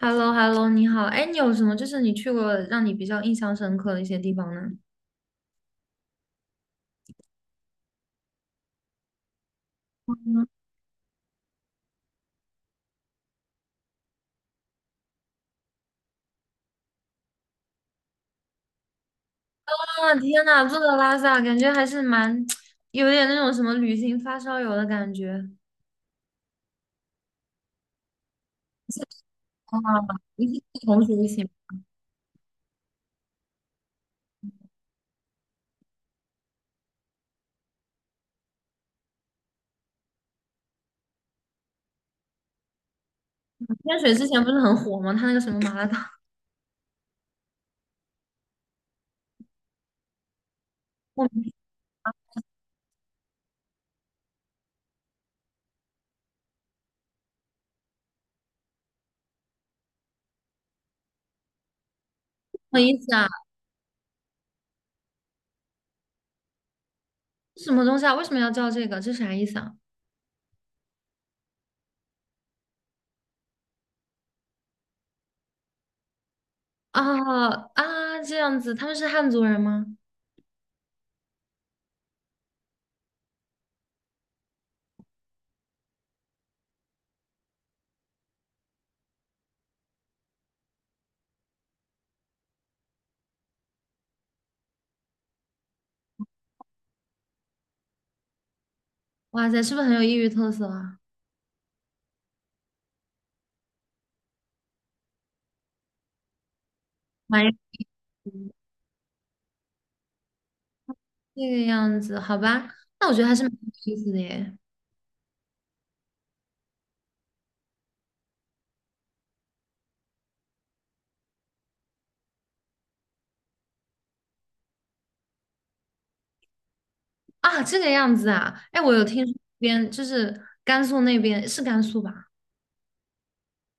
h e l l o h e l l o 你好，哎，你有什么你去过让你比较印象深刻的一些地方呢？嗯。啊，天呐，这个拉萨感觉还是蛮 有点那种什么旅行发烧友的感觉。是啊，你是跟同学一起吗？天水之前不是很火吗？他那个什么麻辣烫，我什么意思啊？什么东西啊？为什么要叫这个？这啥意思啊？啊，啊，这样子，他们是汉族人吗？哇塞，是不是很有异域特色啊？妈，这个样子，好吧，那我觉得还是蛮有意思的耶。啊，这个样子啊，哎，我有听说那边就是甘肃，那边是甘肃吧？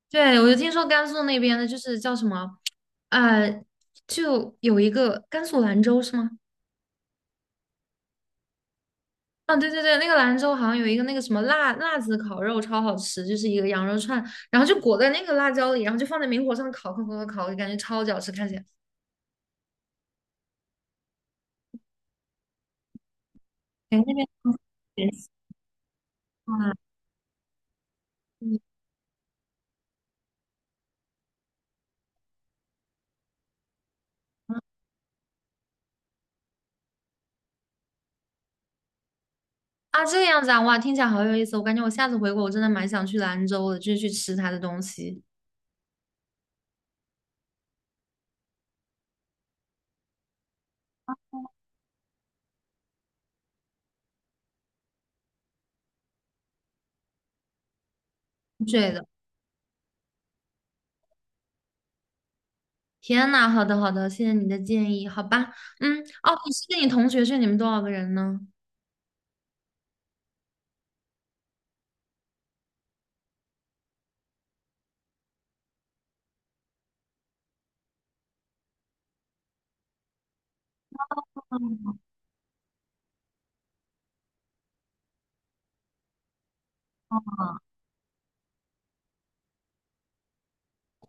对，我就听说甘肃那边的，就是叫什么，呃，就有一个甘肃兰州是吗？啊，对对对，那个兰州好像有一个那个什么辣辣子烤肉超好吃，就是一个羊肉串，然后就裹在那个辣椒里，然后就放在明火上烤烤烤烤烤，感觉超级好吃，看起来。哎，那边也是啊，嗯嗯。啊，这个样子啊，哇，听起来好有意思，我感觉我下次回国我真的蛮想去兰州的，就是去吃它的东西，之类的。天呐，好的好的，谢谢你的建议，好吧，嗯，哦，你是跟你同学去，你们多少个人呢？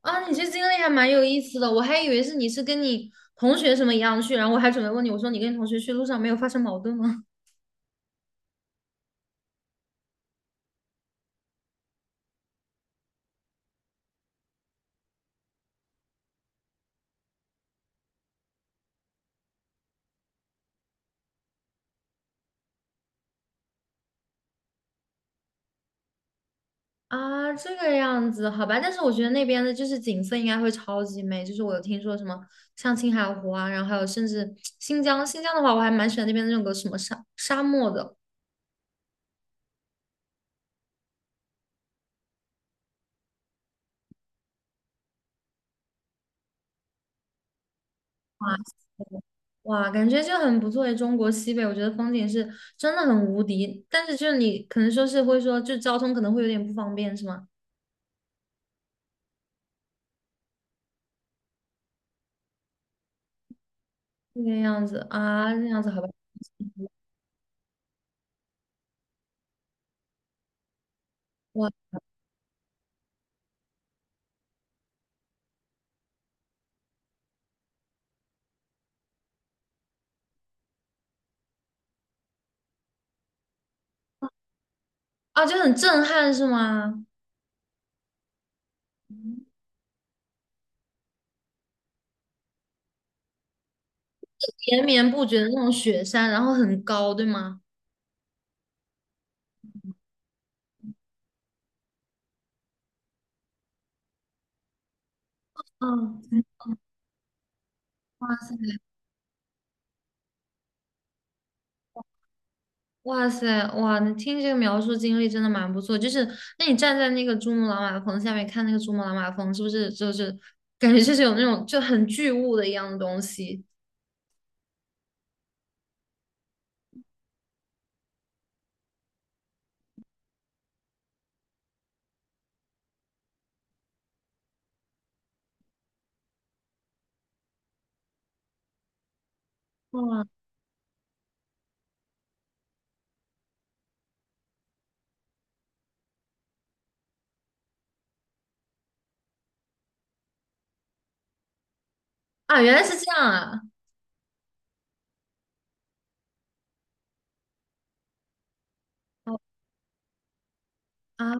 啊，你这经历还蛮有意思的，我还以为是你是跟你同学什么一样去，然后我还准备问你，我说你跟你同学去路上没有发生矛盾吗？啊，这个样子，好吧，但是我觉得那边的就是景色应该会超级美，就是我有听说什么像青海湖啊，然后还有甚至新疆，新疆的话我还蛮喜欢那边的那种个什么沙漠的。哇，感觉就很不错诶，中国西北，我觉得风景是真的很无敌，但是就是你可能说是会说，就交通可能会有点不方便，是吗？这个样子啊，那样子好吧，哇。啊，就很震撼是吗？连绵不绝的那种雪山，然后很高，对吗？嗯，哇塞，哇塞，哇！你听这个描述经历真的蛮不错，就是那你站在那个珠穆朗玛峰下面看那个珠穆朗玛峰，是不是就是感觉就是有那种就很巨物的一样的东西？哇！啊，原来是这样啊！哦。啊，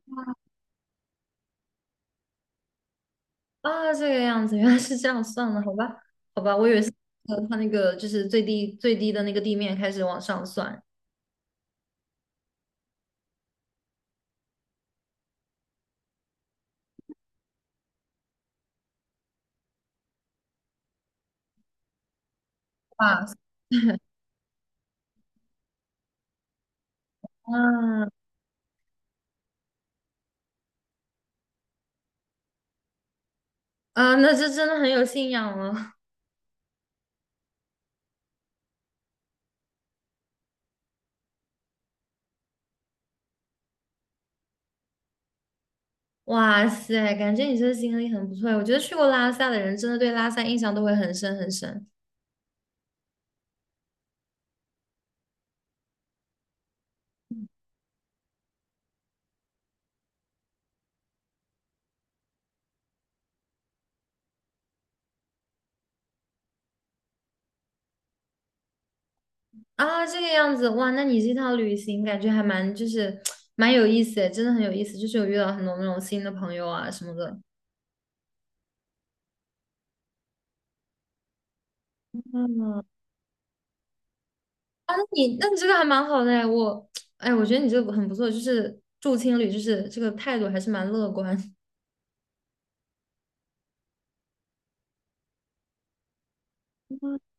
啊，这个样子，原来是这样算了，好吧，好吧，我以为是它那个就是最低最低的那个地面开始往上算。哇塞，啊，那这真的很有信仰了。哇塞，感觉你这个经历很不错。我觉得去过拉萨的人，真的对拉萨印象都会很深很深。啊，这个样子，哇，那你这趟旅行感觉还蛮就是蛮有意思诶，真的很有意思，就是有遇到很多那种新的朋友啊什么的。嗯，啊，那你这个还蛮好的哎，我 哎，我觉得你这个很不错，就是住青旅，就是这个态度还是蛮乐观。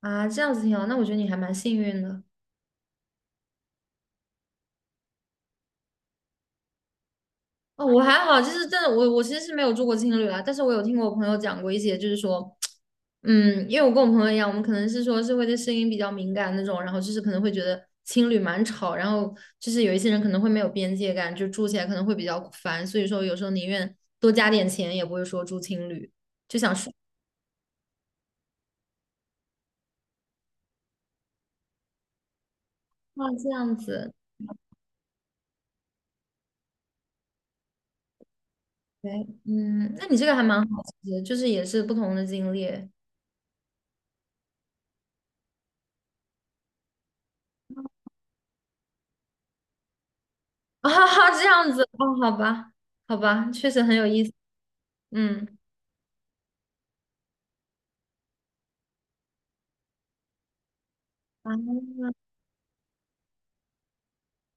啊，这样子挺好。那我觉得你还蛮幸运的。哦，我还好，就是真的，我其实是没有住过青旅啦，但是我有听过我朋友讲过一些，就是说，嗯，因为我跟我朋友一样，我们可能是说是会对声音比较敏感那种，然后就是可能会觉得青旅蛮吵，然后就是有一些人可能会没有边界感，就住起来可能会比较烦，所以说有时候宁愿多加点钱，也不会说住青旅，就想睡。啊，这样子，对，嗯，那你这个还蛮好奇的，就是也是不同的经历。 啊，这样子哦，好吧，好吧，确实很有意思，嗯，啊，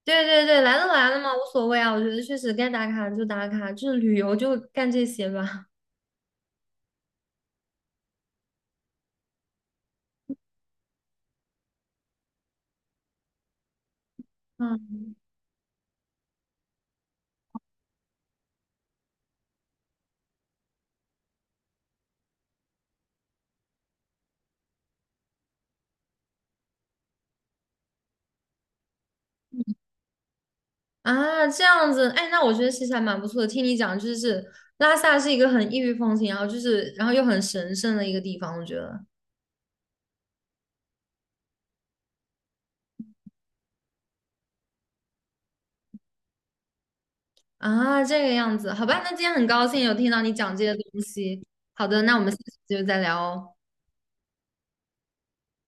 对对对，来都来了嘛，无所谓啊，我觉得确实该打卡就打卡，就是旅游就干这些吧，嗯。啊，这样子，哎，那我觉得其实还蛮不错的，听你讲就是拉萨是一个很异域风情，然后又很神圣的一个地方，我觉得。啊，这个样子，好吧，那今天很高兴有听到你讲这些东西，好的，那我们下次就再聊哦。